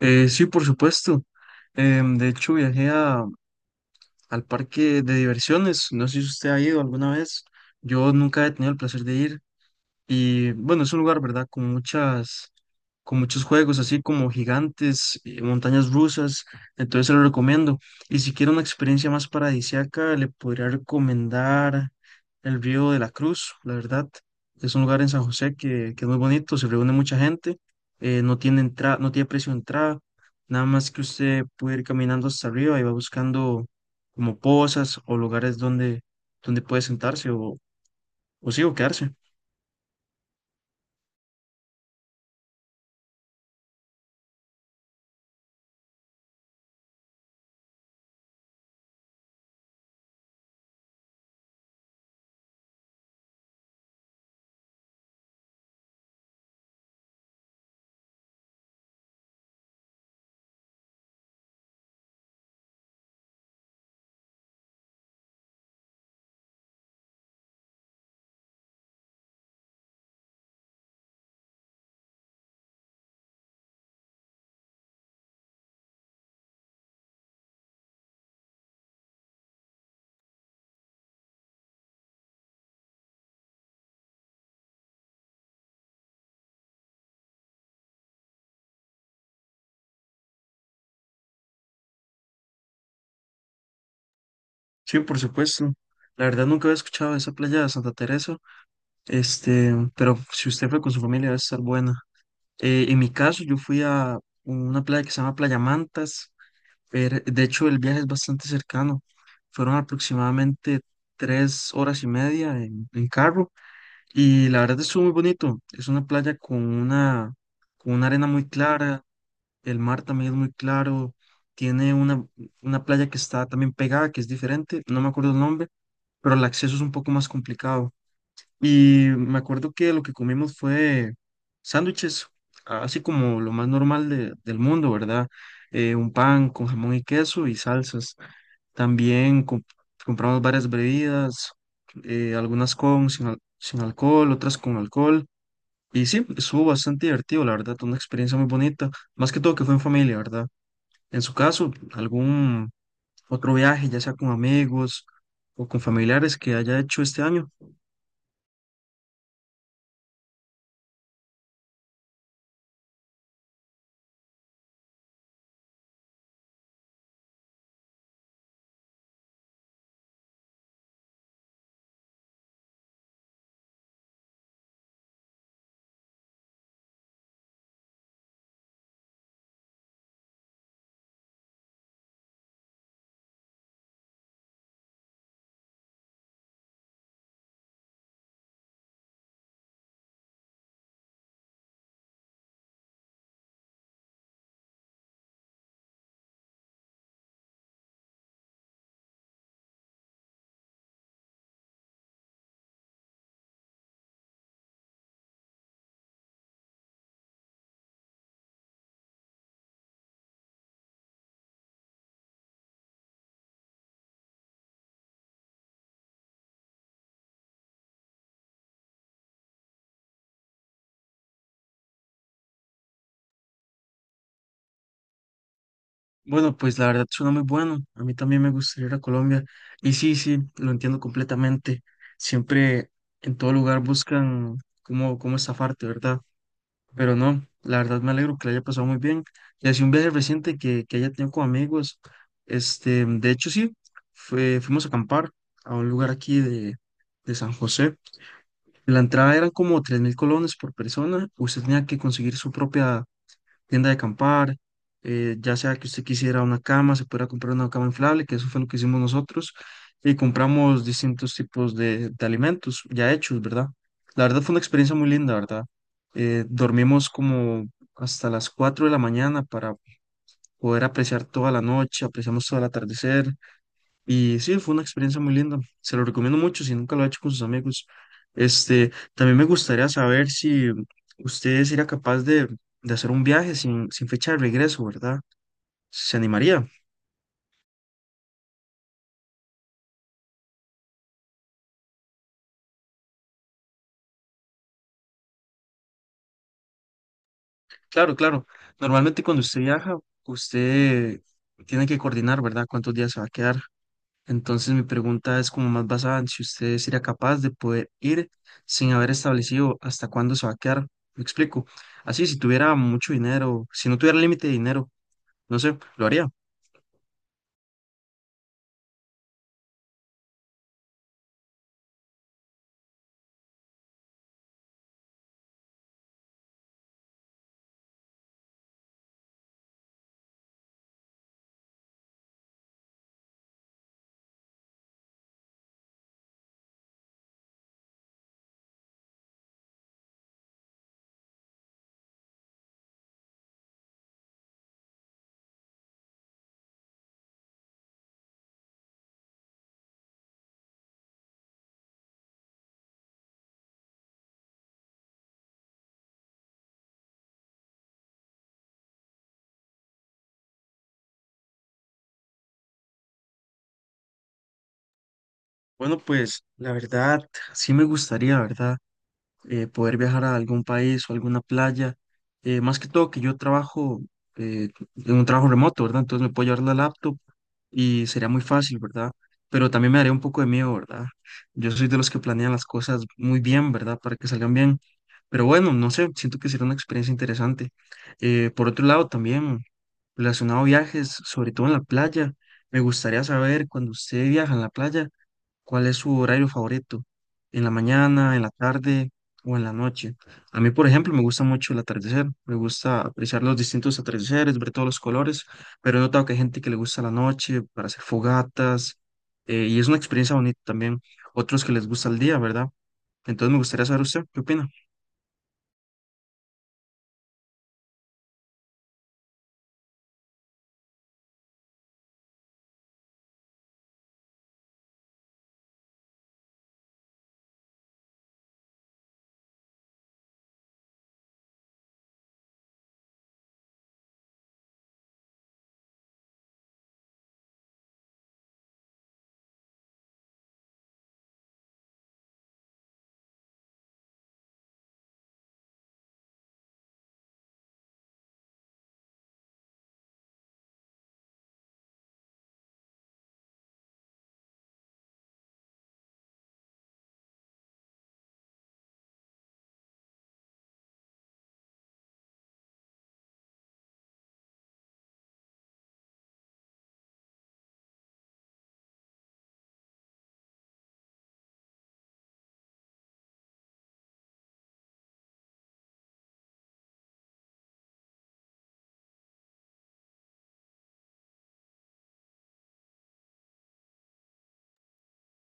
Sí, por supuesto. De hecho, viajé al parque de diversiones. No sé si usted ha ido alguna vez. Yo nunca he tenido el placer de ir. Y bueno, es un lugar, ¿verdad? Con muchos juegos, así como gigantes, montañas rusas, entonces se lo recomiendo. Y si quiere una experiencia más paradisíaca, le podría recomendar el Río de la Cruz, la verdad. Es un lugar en San José que es muy bonito, se reúne mucha gente, no tiene entrada, no tiene precio de entrada, nada más que usted puede ir caminando hasta arriba y va buscando como pozas o lugares donde puede sentarse o sí, o quedarse. Sí, por supuesto. La verdad nunca había escuchado de esa playa de Santa Teresa, pero si usted fue con su familia debe estar buena. En mi caso, yo fui a una playa que se llama Playa Mantas. Pero, de hecho, el viaje es bastante cercano. Fueron aproximadamente 3 horas y media en carro y la verdad estuvo muy bonito. Es una playa con una arena muy clara, el mar también es muy claro. Tiene una playa que está también pegada, que es diferente. No me acuerdo el nombre, pero el acceso es un poco más complicado. Y me acuerdo que lo que comimos fue sándwiches, así como lo más normal del mundo, ¿verdad? Un pan con jamón y queso y salsas. También compramos varias bebidas, algunas con, sin, sin alcohol, otras con alcohol. Y sí, estuvo bastante divertido, la verdad, una experiencia muy bonita. Más que todo que fue en familia, ¿verdad? En su caso, algún otro viaje, ya sea con amigos o con familiares que haya hecho este año. Bueno, pues la verdad suena muy bueno. A mí también me gustaría ir a Colombia. Y sí, sí, lo entiendo completamente. Siempre en todo lugar buscan cómo estafarte, ¿verdad? Pero no, la verdad me alegro que le haya pasado muy bien. Y así un viaje reciente que haya tenido con amigos. De hecho, sí, fuimos a acampar a un lugar aquí de San José. La entrada eran como 3.000 colones por persona. Usted tenía que conseguir su propia tienda de acampar, ya sea que usted quisiera una cama, se pudiera comprar una cama inflable, que eso fue lo que hicimos nosotros. Y compramos distintos tipos de alimentos ya hechos, ¿verdad? La verdad fue una experiencia muy linda, ¿verdad? Dormimos como hasta las 4 de la mañana para poder apreciar toda la noche, apreciamos todo el atardecer. Y sí, fue una experiencia muy linda. Se lo recomiendo mucho si nunca lo ha hecho con sus amigos. Este, también me gustaría saber si usted sería capaz de hacer un viaje sin fecha de regreso, ¿verdad? ¿Se animaría? Claro, claro. Normalmente cuando usted viaja, usted tiene que coordinar, ¿verdad? Cuántos días se va a quedar. Entonces mi pregunta es como más basada en si usted sería capaz de poder ir sin haber establecido hasta cuándo se va a quedar. Me explico. Así, si tuviera mucho dinero, si no tuviera límite de dinero. No sé, lo haría. Bueno, pues la verdad, sí me gustaría, ¿verdad? Poder viajar a algún país o alguna playa. Más que todo que yo trabajo eh, en un trabajo remoto, ¿verdad? Entonces me puedo llevar la laptop y sería muy fácil, ¿verdad? Pero también me daría un poco de miedo, ¿verdad? Yo soy de los que planean las cosas muy bien, ¿verdad? Para que salgan bien. Pero bueno, no sé, siento que será una experiencia interesante. Por otro lado, también relacionado a viajes, sobre todo en la playa, me gustaría saber cuando usted viaja en la playa. ¿Cuál es su horario favorito? ¿En la mañana, en la tarde o en la noche? A mí, por ejemplo, me gusta mucho el atardecer. Me gusta apreciar los distintos atardeceres, ver todos los colores, pero he notado que hay gente que le gusta la noche para hacer fogatas y es una experiencia bonita también. Otros que les gusta el día, ¿verdad? Entonces me gustaría saber usted, ¿qué opina?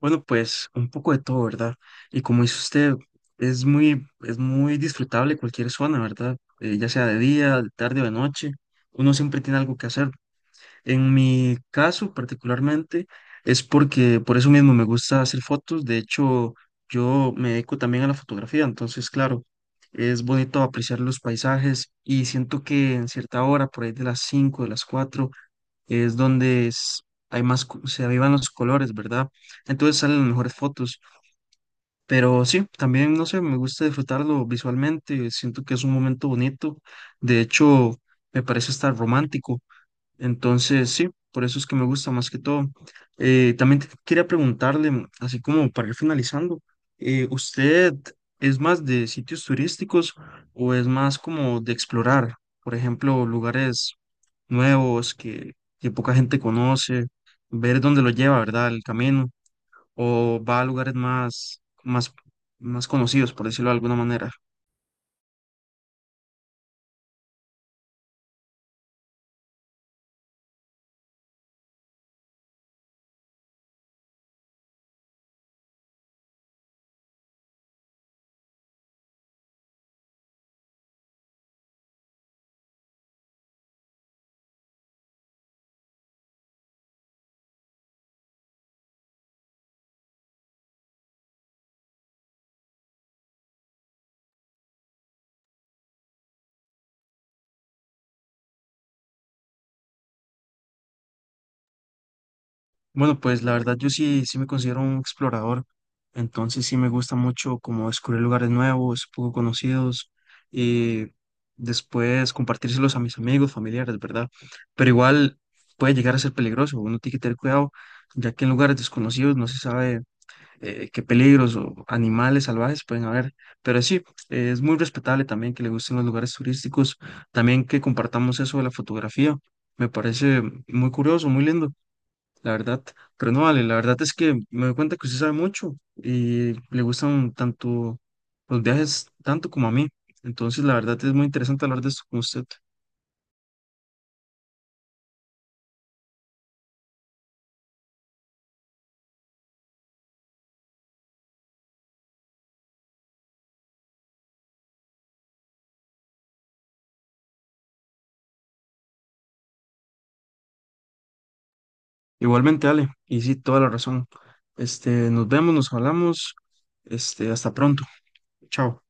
Bueno, pues un poco de todo, ¿verdad? Y como dice usted, es muy disfrutable cualquier zona, ¿verdad? Ya sea de día, de tarde o de noche. Uno siempre tiene algo que hacer. En mi caso particularmente es porque por eso mismo me gusta hacer fotos. De hecho, yo me dedico también a la fotografía, entonces claro, es bonito apreciar los paisajes y siento que en cierta hora, por ahí de las 5 de las 4 es donde hay más, se avivan los colores, ¿verdad? Entonces salen las mejores fotos. Pero sí, también, no sé, me gusta disfrutarlo visualmente. Siento que es un momento bonito. De hecho, me parece estar romántico. Entonces, sí, por eso es que me gusta más que todo. También quería preguntarle, así como para ir finalizando, ¿usted es más de sitios turísticos o es más como de explorar, por ejemplo, lugares nuevos que poca gente conoce, ver dónde lo lleva, ¿verdad? El camino, o va a lugares más conocidos, por decirlo de alguna manera? Bueno, pues la verdad yo sí, sí me considero un explorador, entonces sí me gusta mucho como descubrir lugares nuevos, poco conocidos y después compartírselos a mis amigos, familiares, ¿verdad? Pero igual puede llegar a ser peligroso, uno tiene que tener cuidado, ya que en lugares desconocidos no se sabe qué peligros o animales salvajes pueden haber, pero sí, es muy respetable también que le gusten los lugares turísticos, también que compartamos eso de la fotografía, me parece muy curioso, muy lindo la verdad. Pero no vale, la verdad es que me doy cuenta que usted sabe mucho y le gustan tanto los viajes, tanto como a mí. Entonces, la verdad es muy interesante hablar de esto con usted. Igualmente, Ale, y sí, toda la razón. Nos vemos, nos hablamos. Hasta pronto. Chao.